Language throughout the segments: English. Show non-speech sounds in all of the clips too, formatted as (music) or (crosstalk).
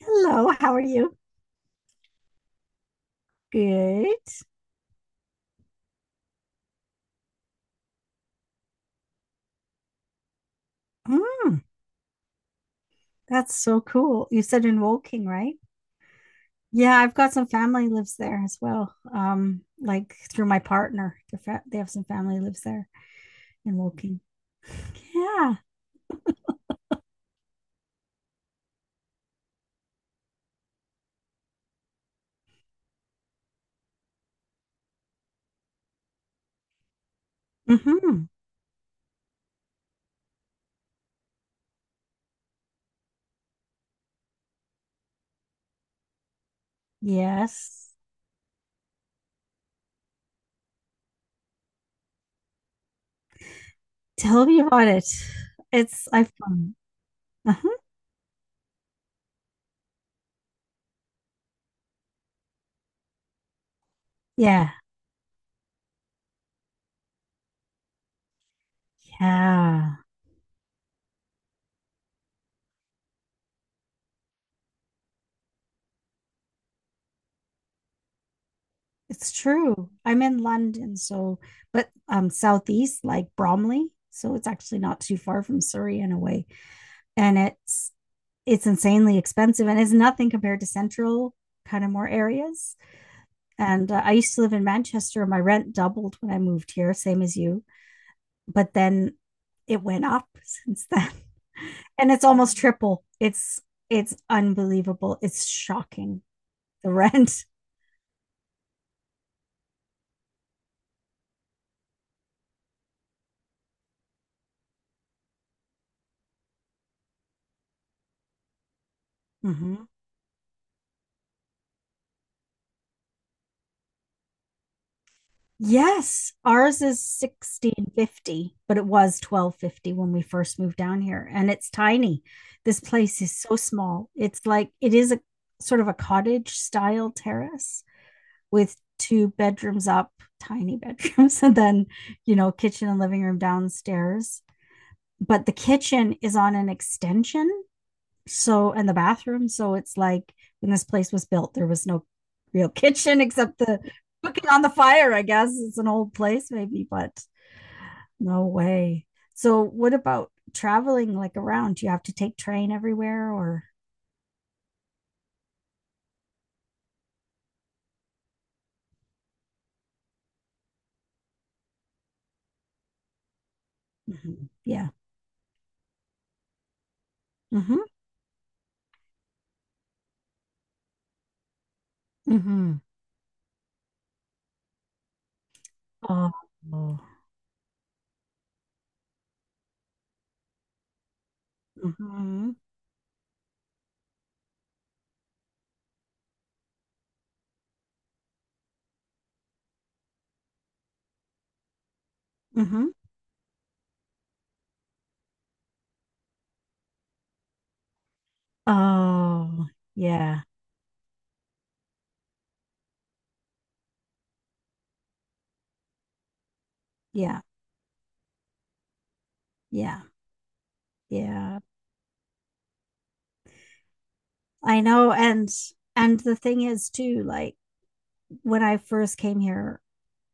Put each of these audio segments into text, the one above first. Hello, how are you? Good. Mm, that's so cool. You said in Woking, right? Yeah, I've got some family lives there as well. Like through my partner, they have some family lives there in Woking. Yeah. Mm-hmm. Yes. Tell me about it. It's I've uh-huh. Yeah. Yeah. It's true. I'm in London, so but southeast like Bromley, so it's actually not too far from Surrey in a way. And it's insanely expensive and is nothing compared to central kind of more areas. And I used to live in Manchester. My rent doubled when I moved here, same as you. But then it went up since then. (laughs) And it's almost triple. It's unbelievable. It's shocking the rent. (laughs) Mm-hmm. Yes, ours is 1650, but it was 1250 when we first moved down here, and it's tiny. This place is so small. It's like it is a sort of a cottage style terrace with two bedrooms up, tiny bedrooms, (laughs) and then, you know, kitchen and living room downstairs. But the kitchen is on an extension so, and the bathroom. So it's like when this place was built, there was no real (laughs) kitchen except the cooking on the fire, I guess. It's an old place, maybe, but no way. So, what about traveling like around? Do you have to take train everywhere or? Mhm. Yeah. Mm-hmm. Mm-hmm. Oh. Mm-hmm. Mm-hmm. Oh, yeah. Yeah. Yeah. Yeah. I know. And the thing is too, like when I first came here,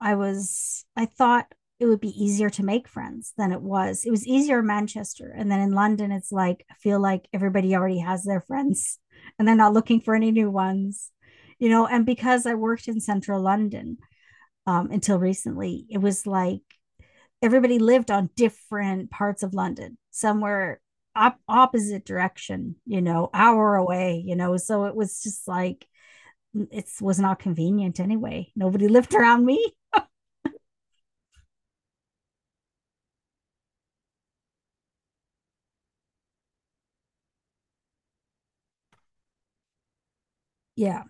I thought it would be easier to make friends than it was. It was easier in Manchester. And then in London, it's like, I feel like everybody already has their friends (laughs) and they're not looking for any new ones, you know. And because I worked in central London until recently, it was like everybody lived on different parts of London. Somewhere were opposite direction, you know, hour away, you know. So it was just like, it was not convenient anyway. Nobody (laughs) lived around me. Yeah.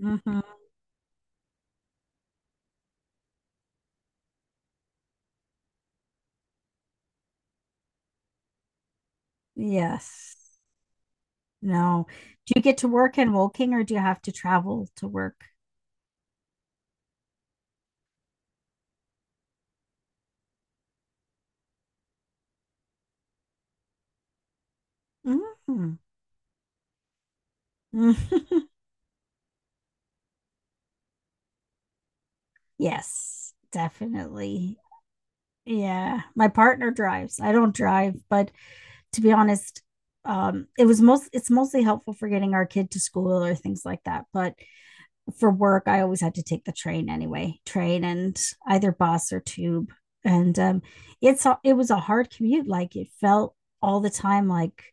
Mm-hmm. Yes. No. Do you get to work in Woking or do you have to travel to work? Mhm. (laughs) Yes, definitely. Yeah. My partner drives. I don't drive, but to be honest, it was most it's mostly helpful for getting our kid to school or things like that. But for work, I always had to take the train anyway, train and either bus or tube. And it was a hard commute. Like it felt all the time like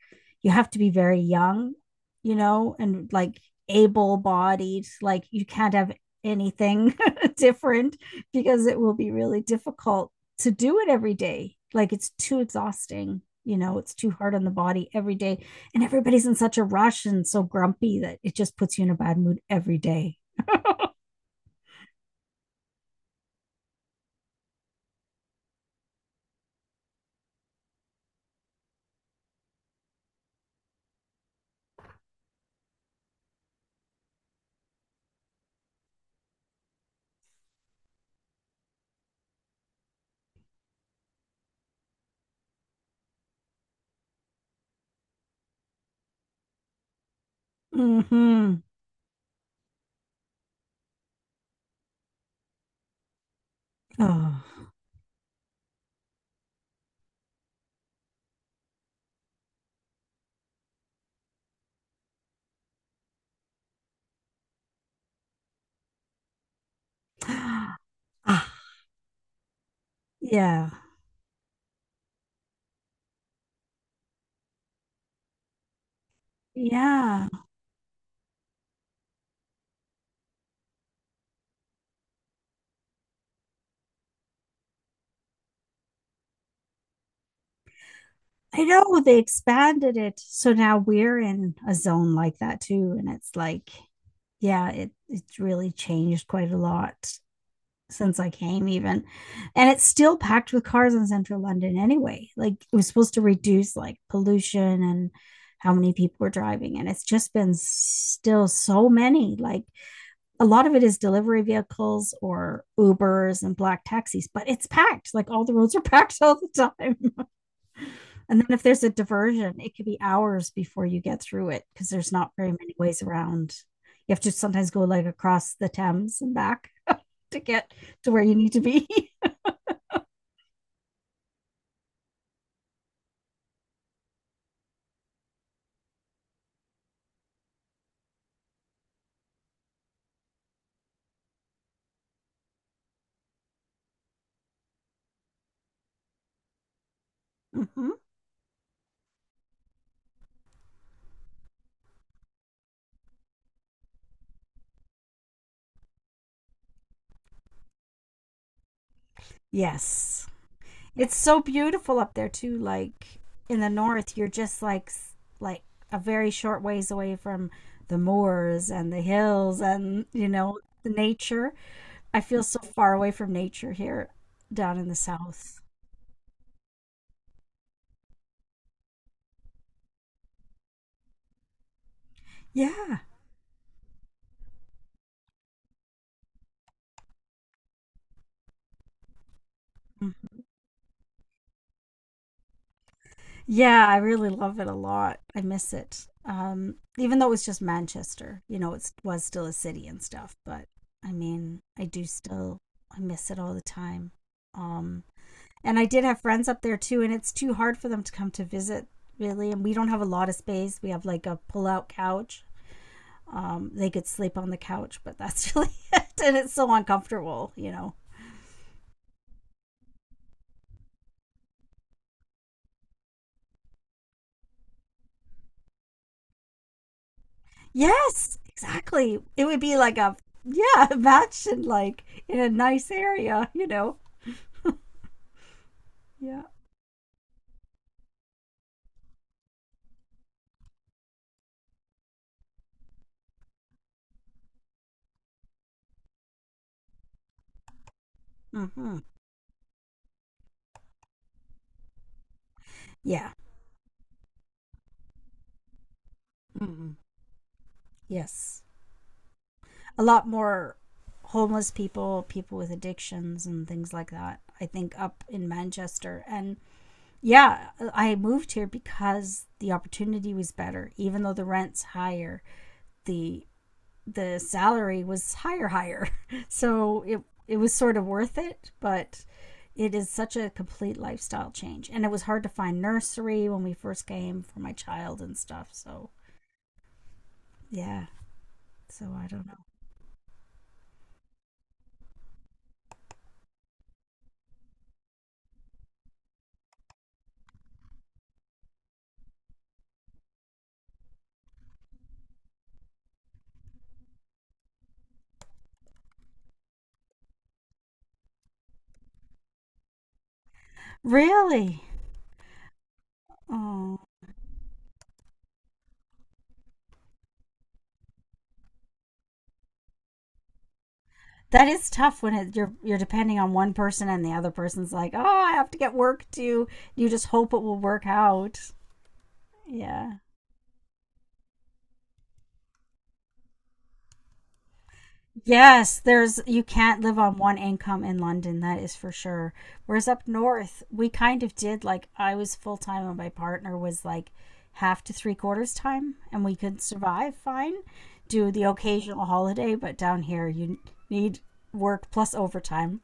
you have to be very young, you know, and like able-bodied. Like you can't have anything (laughs) different because it will be really difficult to do it every day. Like it's too exhausting. You know, it's too hard on the body every day and everybody's in such a rush and so grumpy that it just puts you in a bad mood every day. Mm-hmm. Oh. (gasps) Ah, yeah. Yeah. I know they expanded it. So now we're in a zone like that too. And it's like, yeah, it's really changed quite a lot since I came even. And it's still packed with cars in central London anyway. Like it was supposed to reduce like pollution and how many people were driving. And it's just been still so many. Like a lot of it is delivery vehicles or Ubers and black taxis, but it's packed. Like all the roads are (laughs) packed all the time. And then if there's a diversion, it could be hours before you get through it because there's not very many ways around. You have to sometimes go like across the Thames and back to get to where you need to be. (laughs) Hmm. Yes. It's so beautiful up there too. Like in the north, you're just like a very short ways away from the moors and the hills and you know the nature. I feel so far away from nature here down in the south. Yeah. Yeah, I really love it a lot. I miss it. Even though it's just Manchester, you know, it was still a city and stuff. But I mean, I miss it all the time. Um, and I did have friends up there too, and it's too hard for them to come to visit, really. And we don't have a lot of space. We have like a pull out couch. They could sleep on the couch, but that's (laughs) really it. And it's so uncomfortable, you know. Yes, exactly. It would be like a yeah, (laughs) a match in like in a nice area, you know. Yeah. Hmm. Yeah. Hmm. Yes. A lot more homeless people, people with addictions and things like that. I think up in Manchester and yeah, I moved here because the opportunity was better, even though the rent's higher. The the salary was higher, (laughs) so it was sort of worth it, but it is such a complete lifestyle change and it was hard to find nursery when we first came for my child and stuff, so yeah, so I don't know, really. Oh, that is tough when it, you're depending on one person and the other person's like, oh, I have to get work too. You just hope it will work out. Yeah. Yes, there's you can't live on one income in London, that is for sure. Whereas up north, we kind of did like I was full time and my partner was like half to three quarters time and we could survive fine, do the occasional holiday, but down here you need work plus overtime.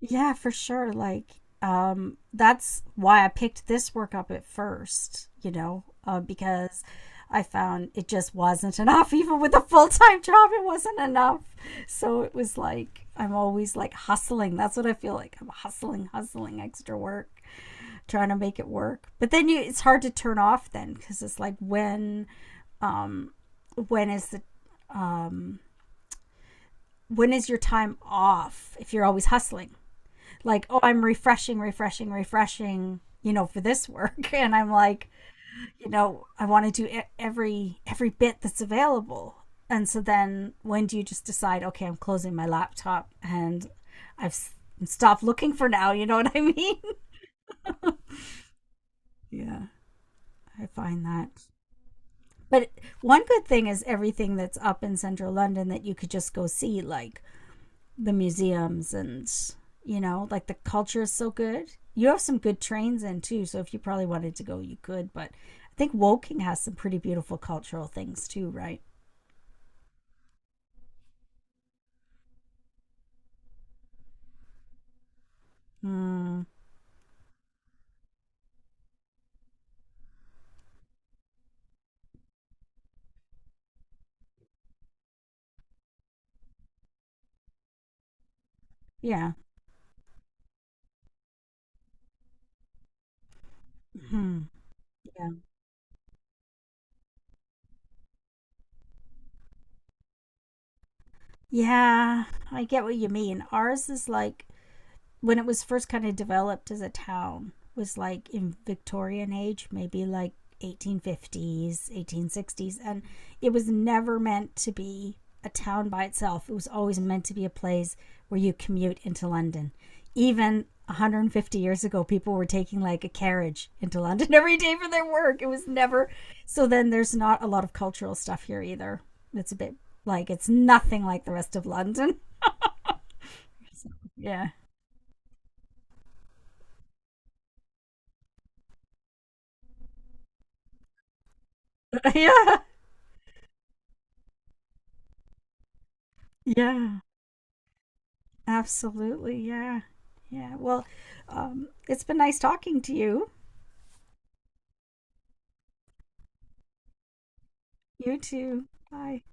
Yeah, for sure. Like, that's why I picked this work up at first, you know, because I found it just wasn't (laughs) enough. Even with a full time job, it wasn't enough. So it was like, I'm always like hustling. That's what I feel like. I'm hustling, hustling extra work, trying to make it work. But then it's hard to turn off then because it's like, um, when is the, when is your time off if you're always hustling? Like, oh, I'm refreshing, refreshing, refreshing, you know, for this work. (laughs) And I'm like, you know, I want to do every bit that's available. And so then when do you just decide, okay, I'm closing my laptop and I've stopped looking for now, (laughs) you know what I mean? Yeah, I find that. But one good thing is everything that's up in central London that you could just go see, like the museums and you know like the culture is so good. You have some good trains in too, so if you probably wanted to go you could, but I think Woking has some pretty beautiful cultural things too, right? Mm, yeah. Hmm. Yeah. Yeah, I get what you mean. Ours is like when it was first kind of developed as a town was like in Victorian age, maybe like 1850s, 1860s, and it was never meant to be a town by itself. It was always meant to be a place where you commute into London. Even 150 years ago, people were taking like a carriage into London (laughs) every day for their work. It was never so. Then there's not a lot of cultural stuff here either. It's a bit like it's nothing like the rest of London. Yeah. (laughs) Yeah. Yeah. Absolutely. Yeah. Yeah. Well, it's been nice talking to you. You too. Bye.